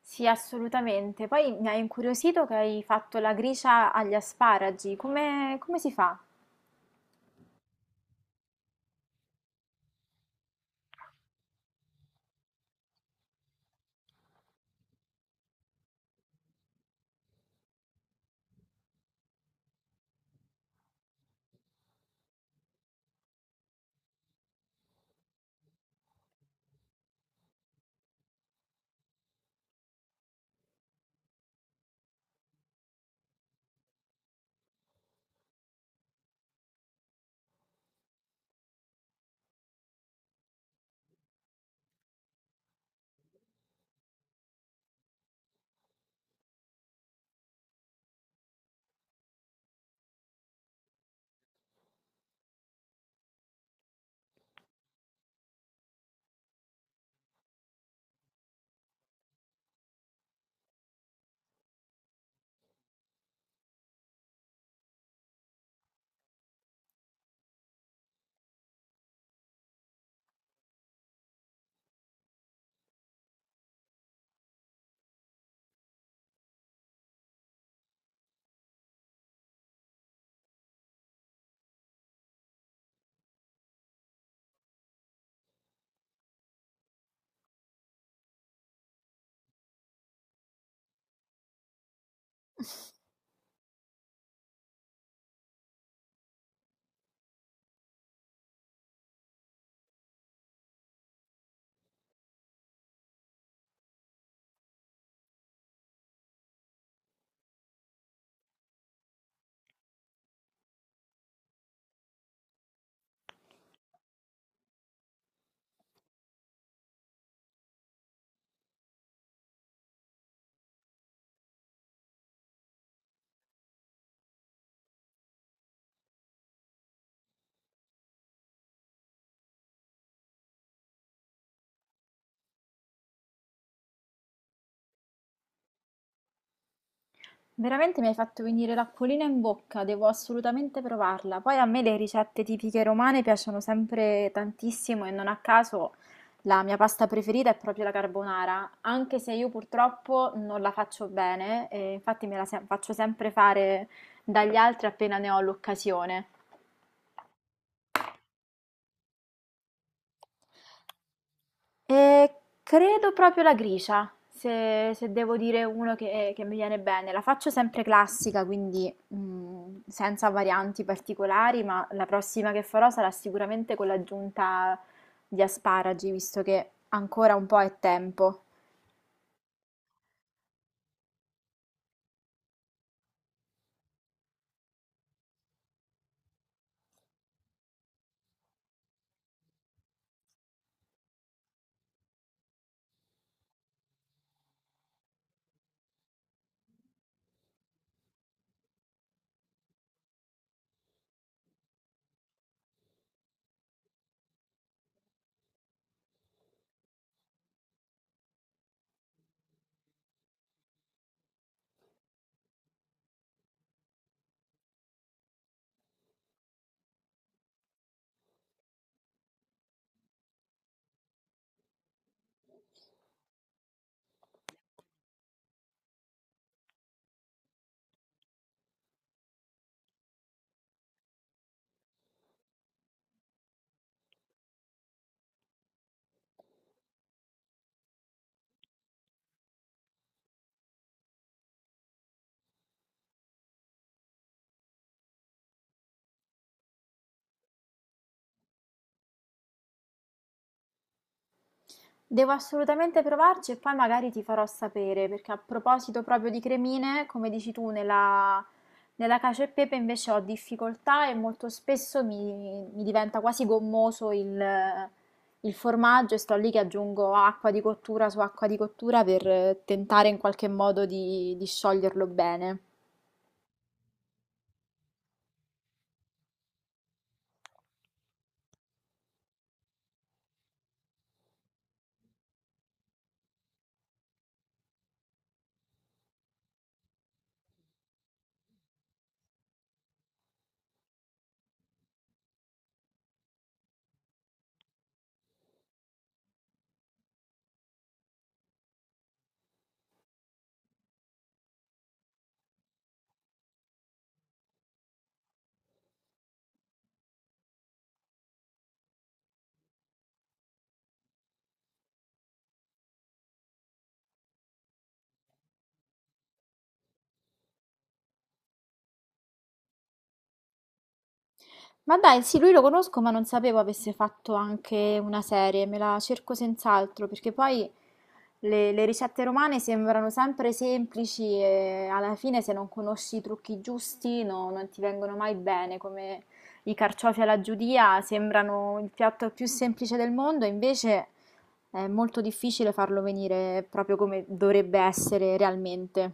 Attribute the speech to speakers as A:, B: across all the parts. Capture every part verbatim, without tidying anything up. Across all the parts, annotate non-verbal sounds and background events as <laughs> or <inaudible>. A: Sì, assolutamente. Poi mi ha incuriosito che hai fatto la gricia agli asparagi. Come, come si fa? Veramente mi hai fatto venire l'acquolina in bocca, devo assolutamente provarla. Poi a me le ricette tipiche romane piacciono sempre tantissimo e non a caso la mia pasta preferita è proprio la carbonara, anche se io purtroppo non la faccio bene, e infatti me la se- faccio sempre fare dagli altri appena ne ho l'occasione. Eh, credo proprio la grigia, se, se devo dire uno che, che mi viene bene. La faccio sempre classica, quindi mm, senza varianti particolari, ma la prossima che farò sarà sicuramente con l'aggiunta di asparagi, visto che ancora un po' è tempo. Devo assolutamente provarci e poi magari ti farò sapere, perché a proposito proprio di cremine, come dici tu, nella, nella cacio e pepe invece ho difficoltà e molto spesso mi, mi diventa quasi gommoso il, il formaggio e sto lì che aggiungo acqua di cottura su acqua di cottura per eh, tentare in qualche modo di di scioglierlo bene. Ma dai, sì, lui lo conosco, ma non sapevo avesse fatto anche una serie, me la cerco senz'altro, perché poi le, le ricette romane sembrano sempre semplici e alla fine se non conosci i trucchi giusti no- non ti vengono mai bene, come i carciofi alla giudia sembrano il piatto più semplice del mondo, invece è molto difficile farlo venire proprio come dovrebbe essere realmente.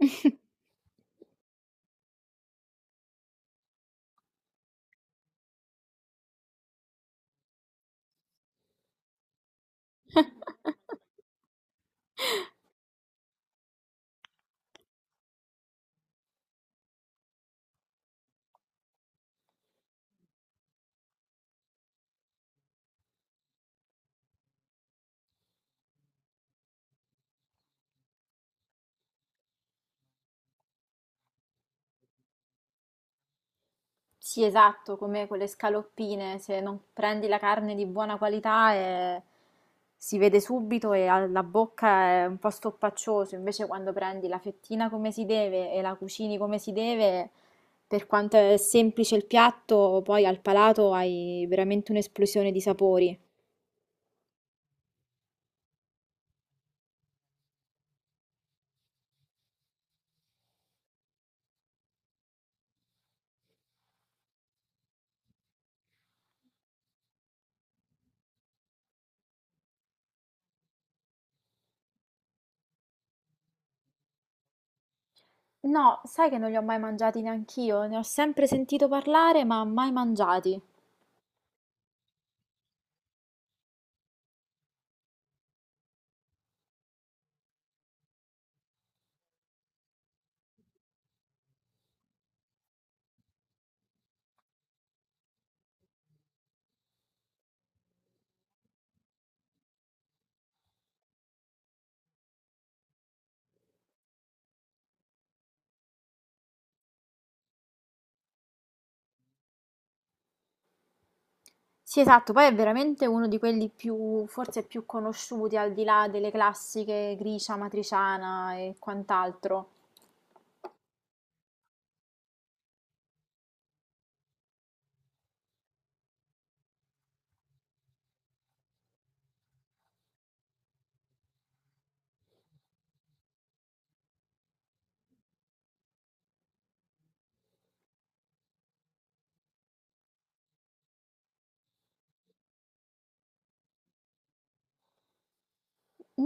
A: <laughs> Sì, esatto, come quelle scaloppine, se non prendi la carne di buona qualità eh, si vede subito e alla bocca è un po' stoppaccioso, invece quando prendi la fettina come si deve e la cucini come si deve, per quanto è semplice il piatto, poi al palato hai veramente un'esplosione di sapori. No, sai che non li ho mai mangiati neanch'io, ne ho sempre sentito parlare, ma mai mangiati. Sì, esatto, poi è veramente uno di quelli più, forse più conosciuti al di là delle classiche gricia, matriciana e quant'altro.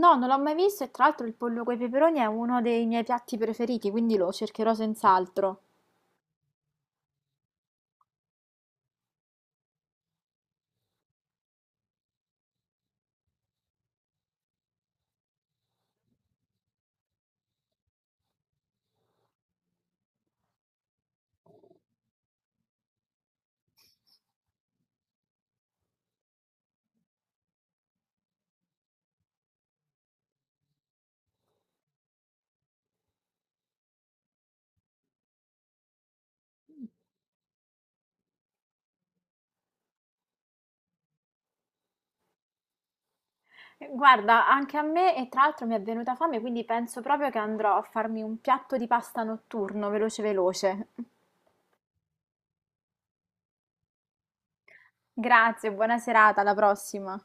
A: No, non l'ho mai visto e tra l'altro il pollo coi peperoni è uno dei miei piatti preferiti, quindi lo cercherò senz'altro. Eh, Guarda, anche a me e tra l'altro mi è venuta fame, quindi penso proprio che andrò a farmi un piatto di pasta notturno, veloce veloce. <laughs> Grazie, buona serata, alla prossima.